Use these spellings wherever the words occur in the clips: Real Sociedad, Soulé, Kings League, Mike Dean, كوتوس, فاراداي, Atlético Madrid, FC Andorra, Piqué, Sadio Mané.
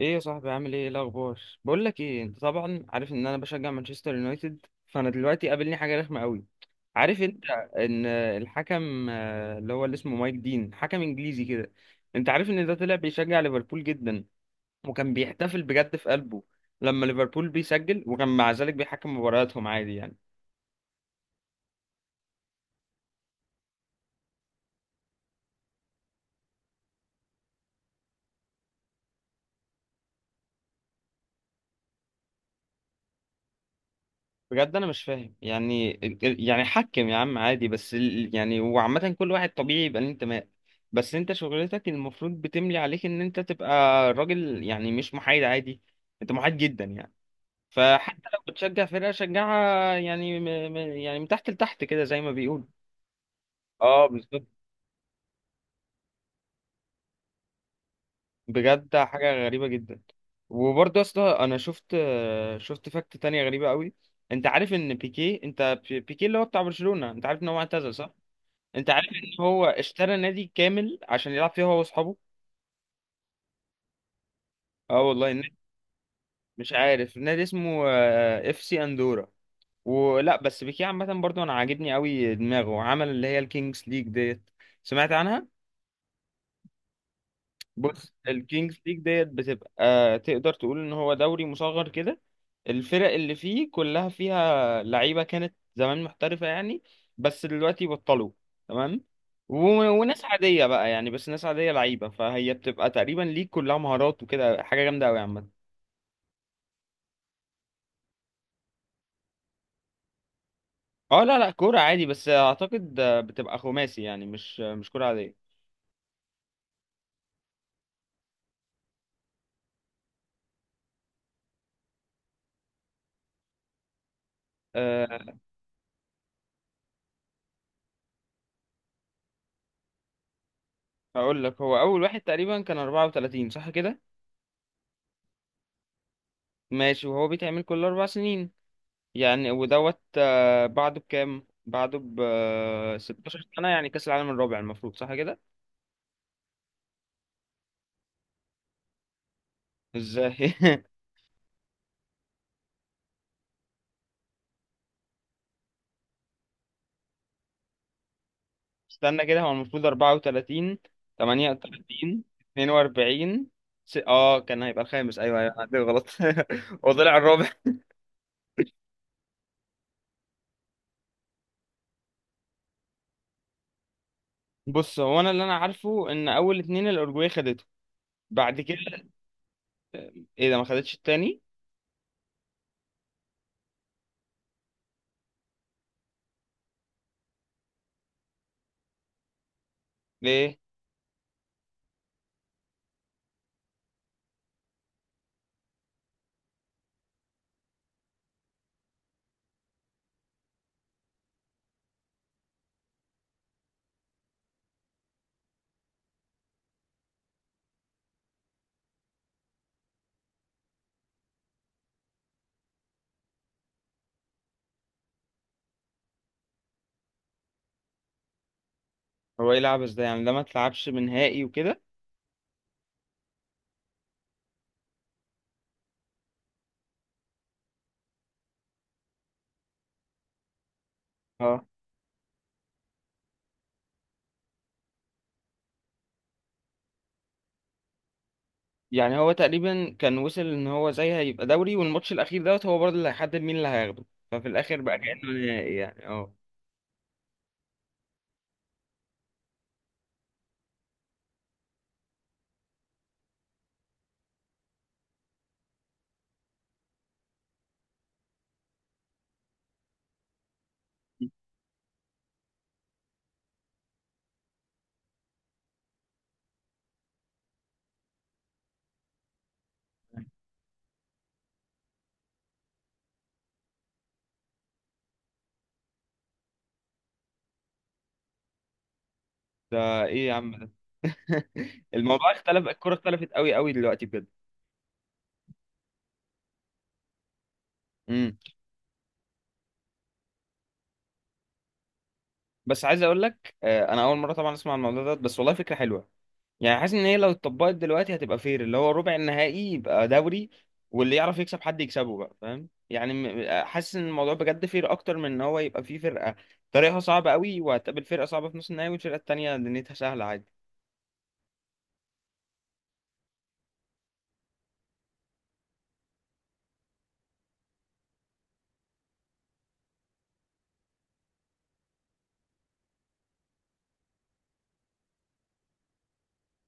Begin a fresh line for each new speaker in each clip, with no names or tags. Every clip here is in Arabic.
ايه يا صاحبي؟ عامل ايه؟ إيه الاخبار؟ بقول لك ايه، انت طبعا عارف ان انا بشجع مانشستر يونايتد، فانا دلوقتي قابلني حاجه رخمه قوي. عارف انت ان الحكم اللي اسمه مايك دين حكم انجليزي كده. انت عارف ان ده طلع بيشجع ليفربول جدا، وكان بيحتفل بجد في قلبه لما ليفربول بيسجل، وكان مع ذلك بيحكم مبارياتهم عادي يعني. بجد انا مش فاهم يعني حكم يا عم عادي، بس يعني وعامة كل واحد طبيعي يبقى ليه انتماء. بس انت شغلتك المفروض بتملي عليك ان انت تبقى راجل، يعني مش محايد عادي. انت محايد جدا يعني. فحتى لو بتشجع فرقة شجعها يعني، م م يعني من تحت لتحت كده، زي ما بيقول. اه، بالظبط. بجد حاجة غريبة جدا. وبرضه يا اسطى، انا شفت فاكت تانية غريبة قوي. انت عارف ان بيكي، انت بيكي اللي هو بتاع برشلونة، انت عارف ان هو اعتزل صح؟ انت عارف ان هو اشترى نادي كامل عشان يلعب فيه هو واصحابه؟ اه والله، النادي... مش عارف النادي اسمه اف سي اندورا. ولا. بس بيكيه عامه برضو انا عاجبني قوي دماغه، عمل اللي هي الكينجز ليج ديت. سمعت عنها؟ بص، الكينجز ليج ديت بتبقى تقدر تقول ان هو دوري مصغر كده. الفرق اللي فيه كلها فيها لعيبه كانت زمان محترفه يعني. بس دلوقتي بطلوا. تمام. و- وناس عاديه بقى يعني، بس ناس عاديه لعيبه، فهي بتبقى تقريبا ليج كلها مهارات وكده، حاجه جامده قوي عامه. اه، لا لا كوره عادي، بس اعتقد بتبقى خماسي يعني، مش كوره عاديه. أه، هقول لك هو اول واحد تقريبا كان 34 صح كده؟ ماشي، وهو بيتعمل كل اربع سنين يعني. ودوت بعده بكام، بعده ب 16 سنة، يعني كأس العالم الرابع المفروض صح كده؟ ازاي؟ استنى كده، هو المفروض 34، 38، 42. اه كان هيبقى الخامس، ايوه ايوه أنا عندي غلط. هو طلع الرابع. بص، هو اللي انا عارفه ان اول اتنين الاورجواي خدته، بعد كده... ايه ده ما خدتش التاني؟ ليه؟ هو ايه العبث ده يعني؟ ده ما تلعبش بنهائي وكده؟ آه. يعني هو تقريبا كان وصل ان هو زي هيبقى دوري، والماتش الاخير دوت هو برضه اللي هيحدد مين اللي هياخده، ففي الاخر بقى كأنه نهائي يعني، اه. ده ايه يا عم ده؟ الموضوع اختلف، الكرة اختلفت قوي قوي دلوقتي بجد. امم. بس عايز اقول لك انا اول مرة طبعا اسمع عن الموضوع ده، بس والله فكرة حلوة. يعني حاسس ان هي لو اتطبقت دلوقتي هتبقى فير، اللي هو ربع النهائي يبقى دوري. واللي يعرف يكسب حد يكسبه بقى، فاهم يعني. حاسس ان الموضوع بجد فير اكتر من ان هو يبقى فيه فرقة طريقها صعبة قوي، وهتقابل فرقة صعبة في نص النهائي، والفرقة التانية دنيتها سهلة عادي.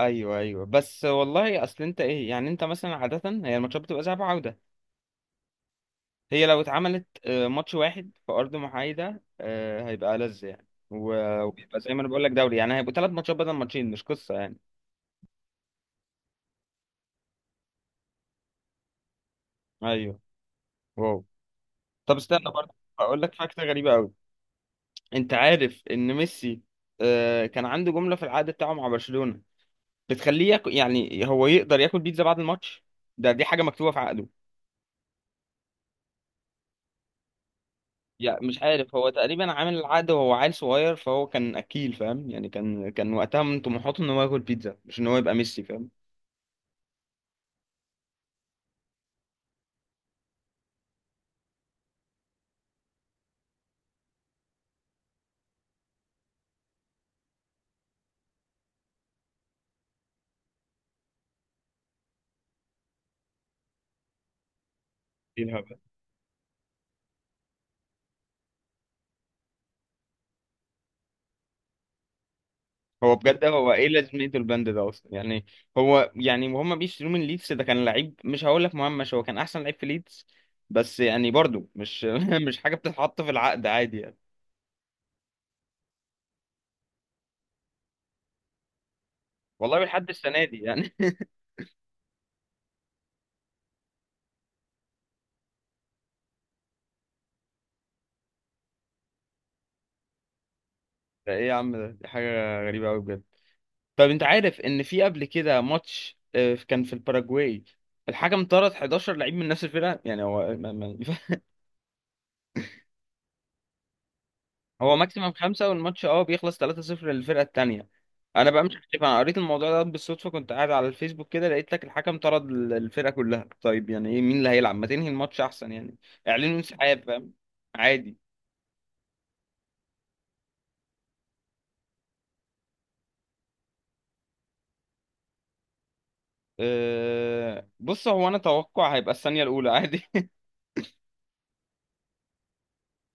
ايوه ايوه، بس والله اصل انت ايه يعني، انت مثلا عادة هي الماتشات بتبقى ذهاب وعودة. هي لو اتعملت ماتش واحد في ارض محايدة هيبقى ألذ يعني، و- ويبقى زي ما انا بقول لك دوري يعني، هيبقوا ثلاث ماتشات بدل ماتشين، مش قصة يعني. ايوه. واو. طب استنى برضه اقول لك فاكتة غريبة قوي. انت عارف ان ميسي كان عنده جملة في العقد بتاعه مع برشلونة بتخليه ياكل، يعني هو يقدر ياكل بيتزا بعد الماتش؟ دي حاجة مكتوبة في عقده. يعني مش عارف، هو تقريبا عامل العقد وهو عيل صغير، فهو كان اكيل فاهم يعني، كان وقتها من طموحاته ان هو ياكل بيتزا مش ان هو يبقى ميسي، فاهم. إيه الهبل؟ هو بجد، هو ايه لازمته البند ده اصلا يعني؟ هو يعني، وهم بيشتروه من ليدز ده كان لعيب مش هقول لك مهمش، هو كان احسن لعيب في ليدز. بس يعني برضو مش مش حاجه بتتحط في العقد عادي يعني. والله لحد السنه دي يعني. ده ايه يا عم ده؟ دي حاجه غريبه قوي بجد. طب انت عارف ان في قبل كده ماتش كان في الباراجواي، الحكم طرد 11 لعيب من نفس الفرقه يعني، هو هو ماكسيمم خمسة، والماتش اه بيخلص 3-0 للفرقة التانية. انا بقى مش عارف، انا قريت الموضوع ده بالصدفة، كنت قاعد على الفيسبوك كده لقيت لك الحكم طرد الفرقة كلها. طيب يعني ايه؟ مين اللي هيلعب؟ ما تنهي الماتش احسن يعني. اعلنوا انسحاب فاهم؟ عادي. أه، بص هو انا توقع هيبقى الثانية الاولى عادي.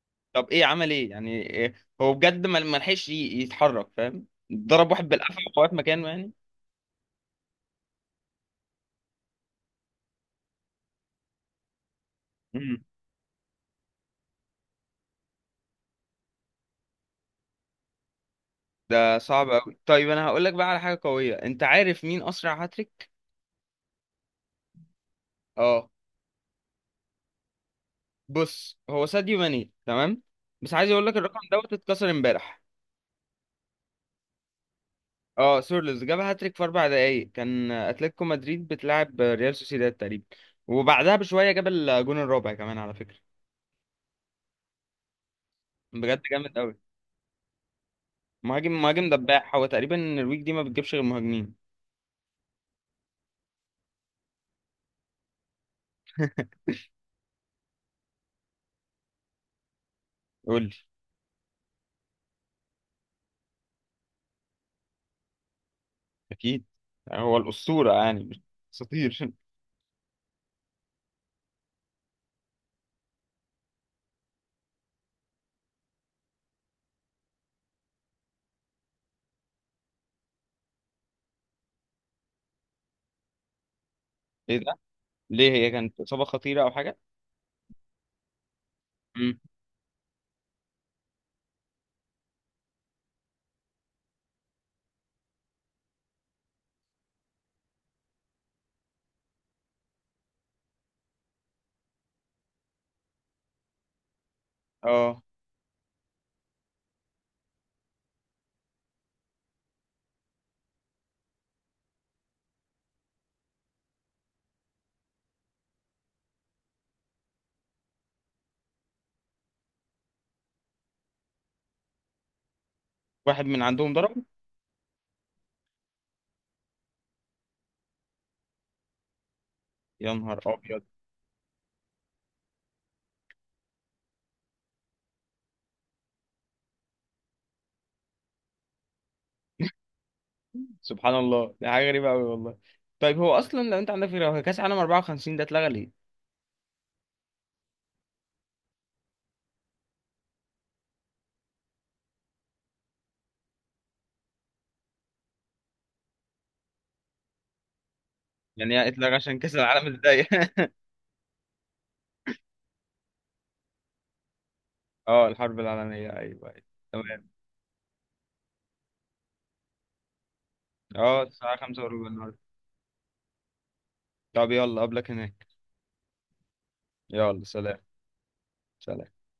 طب ايه عمل ايه يعني؟ إيه؟ هو بجد ما لحقش يتحرك فاهم. ضرب واحد بالقفا، وقف مكانه يعني. مم. ده صعب قوي. طيب انا هقول لك بقى على حاجة قوية، انت عارف مين اسرع هاتريك؟ اه، بص هو ساديو ماني. تمام، بس عايز اقول لك الرقم دوت اتكسر امبارح. اه، سورلز جاب هاتريك في اربع دقايق، كان اتلتيكو مدريد بتلعب ريال سوسيداد تقريبا. وبعدها بشويه جاب الجون الرابع كمان على فكره. بجد جامد قوي. مهاجم مهاجم دباح، هو تقريبا الويك دي ما بتجيبش غير مهاجمين. قول لي. اكيد. هو الاسطوره يعني، مش اساطير. ايه ده؟ ليه؟ هي كانت اصابه خطيره او حاجه؟ امم، اه، واحد من عندهم ضرب. يا نهار ابيض. سبحان الله، دي حاجه غريبه قوي والله. طيب هو اصلا لو انت عندك فكره، هو كاس العالم 54 ده اتلغى ليه؟ يعني هي اتلغى عشان كاس العالم الضيق؟ اه الحرب العالميه، ايوه ايوه. تمام. اه الساعه 5 وربع النهارده. طب يلا، قبلك هناك. يلا سلام. سلام.